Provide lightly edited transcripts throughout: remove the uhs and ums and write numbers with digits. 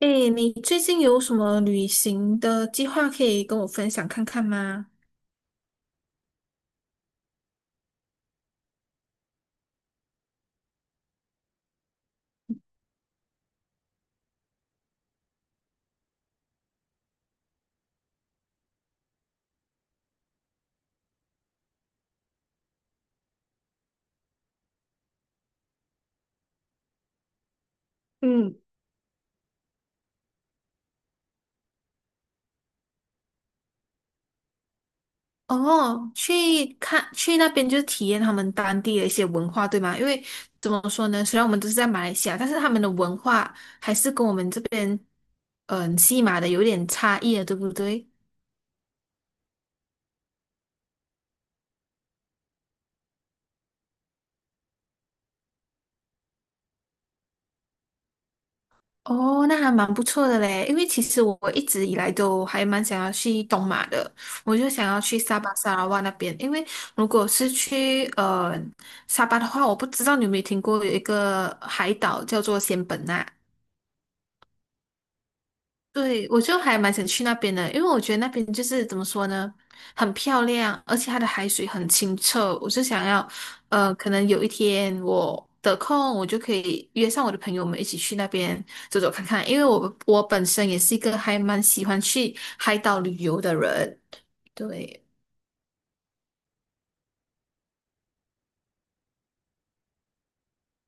诶，你最近有什么旅行的计划可以跟我分享看看吗？嗯，哦，去那边就是体验他们当地的一些文化，对吗？因为怎么说呢，虽然我们都是在马来西亚，但是他们的文化还是跟我们这边西马的有点差异的，对不对？哦，那还蛮不错的嘞，因为其实我一直以来都还蛮想要去东马的，我就想要去沙巴、沙拉哇那边，因为如果是去沙巴的话，我不知道你有没有听过有一个海岛叫做仙本那。对，我就还蛮想去那边的，因为我觉得那边就是怎么说呢，很漂亮，而且它的海水很清澈。我就想要，可能有一天我得空，我就可以约上我的朋友们一起去那边走走看看，因为我本身也是一个还蛮喜欢去海岛旅游的人。对。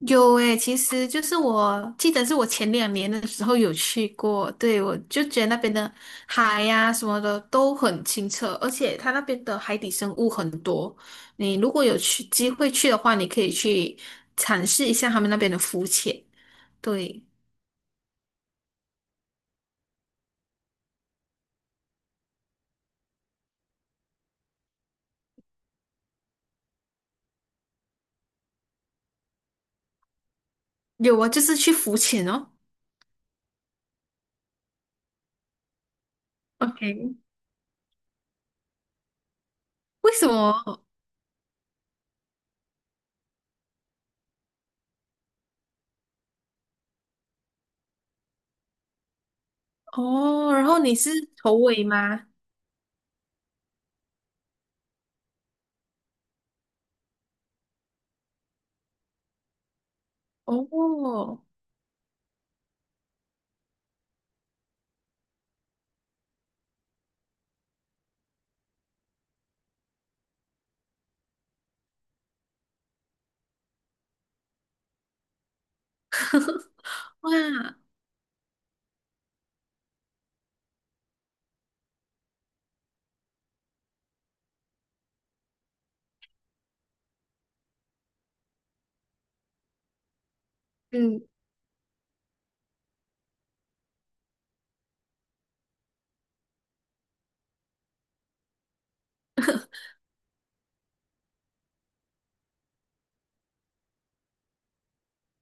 有诶，其实就是我记得是我前两年的时候有去过，对，我就觉得那边的海呀、什么的都很清澈，而且它那边的海底生物很多。你如果有去机会去的话，你可以去尝试一下他们那边的浮潜。对，有啊，就是去浮潜哦。OK,为什么？哦，然后你是头尾吗？哦，哇，嗯。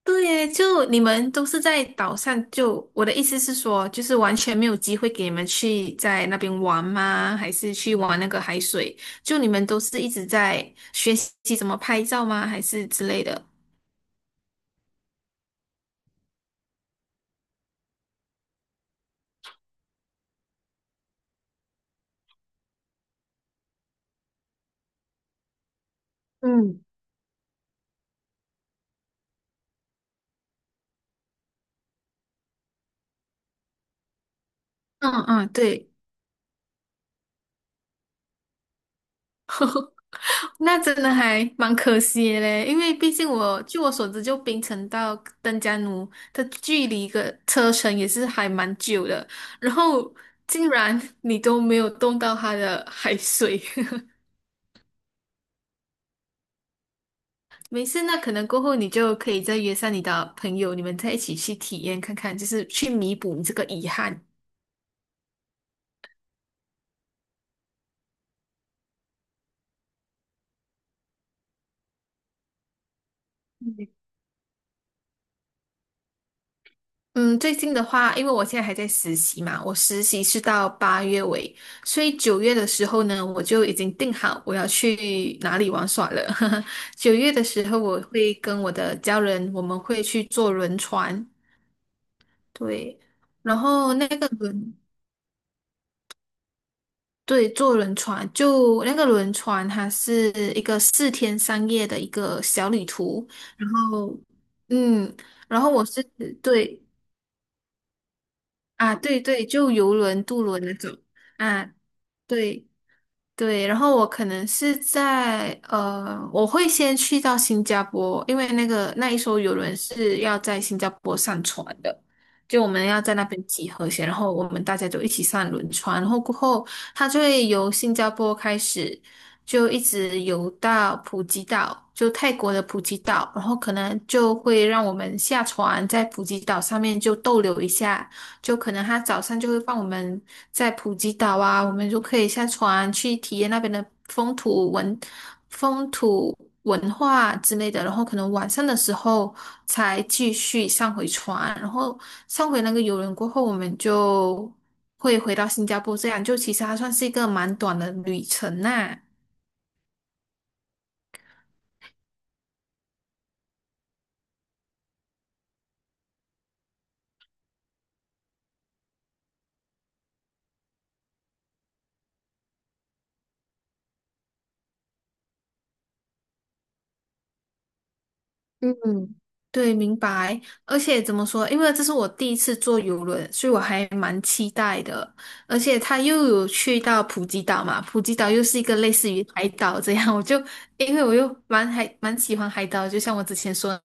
对耶就你们都是在岛上，就我的意思是说，就是完全没有机会给你们去在那边玩吗？还是去玩那个海水？就你们都是一直在学习怎么拍照吗？还是之类的？嗯。嗯嗯，对，那真的还蛮可惜的嘞，因为毕竟我据我所知，就槟城到登嘉奴的距离个车程也是还蛮久的，然后竟然你都没有动到它的海水，没事，那可能过后你就可以再约上你的朋友，你们再一起去体验看看，就是去弥补你这个遗憾。嗯嗯最近的话，因为我现在还在实习嘛，我实习是到八月尾，所以九月的时候呢，我就已经定好我要去哪里玩耍了。九月的时候，我会跟我的家人，我们会去坐轮船，对，然后那个轮。对，坐轮船，就那个轮船，它是一个四天三夜的一个小旅途。然后，嗯，然后对。对对，就游轮、渡轮那种啊，对。对，然后我可能是在我会先去到新加坡，因为那一艘游轮是要在新加坡上船的，就我们要在那边集合先，然后我们大家就一起上轮船，然后过后它就会由新加坡开始，就一直游到普吉岛，就泰国的普吉岛，然后可能就会让我们下船在普吉岛上面就逗留一下。就可能他早上就会放我们在普吉岛啊，我们就可以下船去体验那边的风土文风土文化之类的，然后可能晚上的时候才继续上回船，然后上回那个游轮过后，我们就会回到新加坡，这样就其实还算是一个蛮短的旅程呐、嗯，对，明白。而且怎么说，因为这是我第一次坐游轮，所以我还蛮期待的。而且他又有去到普吉岛嘛，普吉岛又是一个类似于海岛这样，我就因为我还蛮喜欢海岛，就像我之前说的。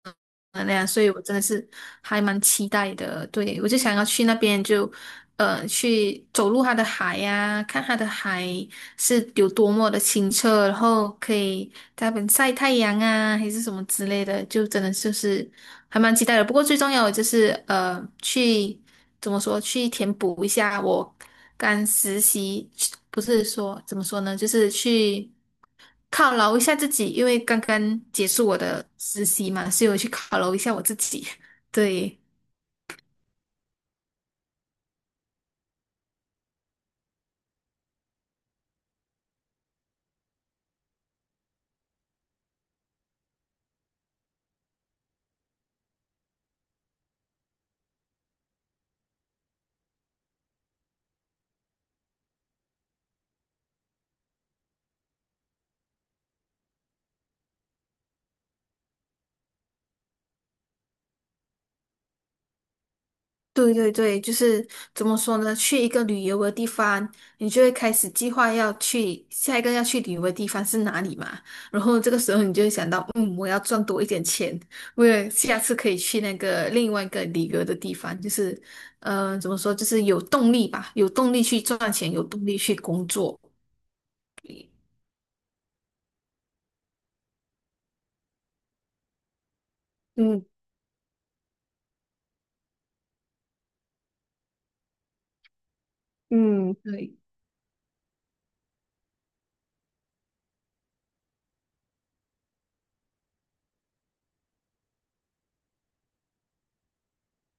那样，所以我真的是还蛮期待的。对，我就想要去那边就，去走入它的海呀、看它的海是有多么的清澈，然后可以在那边晒太阳啊，还是什么之类的，就真的就是还蛮期待的。不过最重要的就是去怎么说，去填补一下我刚实习，不是说怎么说呢，就是去。犒劳一下自己，因为刚刚结束我的实习嘛，所以我去犒劳一下我自己。对，对对对，就是怎么说呢？去一个旅游的地方，你就会开始计划要去下一个要去旅游的地方是哪里嘛。然后这个时候你就会想到，嗯，我要赚多一点钱，为了下次可以去那个另外一个旅游的地方，就是，怎么说，就是有动力吧，有动力去赚钱，有动力去工作。嗯嗯，对。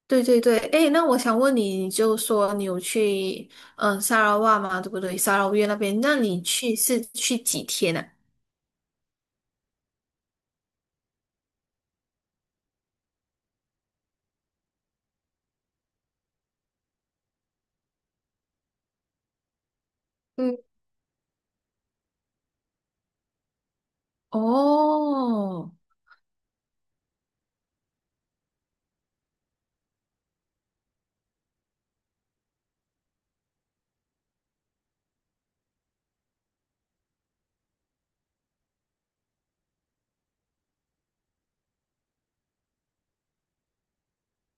对对对，哎，那我想问你，你就说你有去沙拉哇嘛，对不对？沙拉越那边，那你去是去几天啊？嗯，哦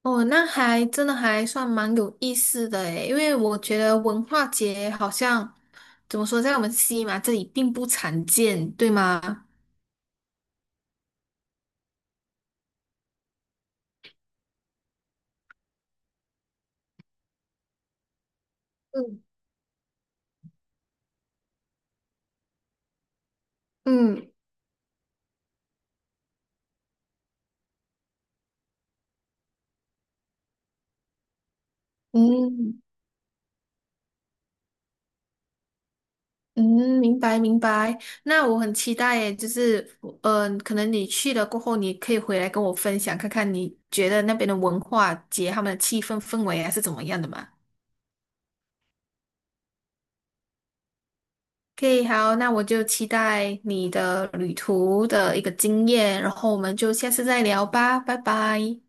哦，那还真的还算蛮有意思的诶，因为我觉得文化节好像怎么说，在我们西马这里并不常见，对吗？嗯嗯，嗯，嗯，明白明白。那我很期待耶，就是嗯、可能你去了过后，你可以回来跟我分享，看看你觉得那边的文化节、他们的气氛氛围还是怎么样的嘛可以，OK,好，那我就期待你的旅途的一个经验，然后我们就下次再聊吧，拜拜。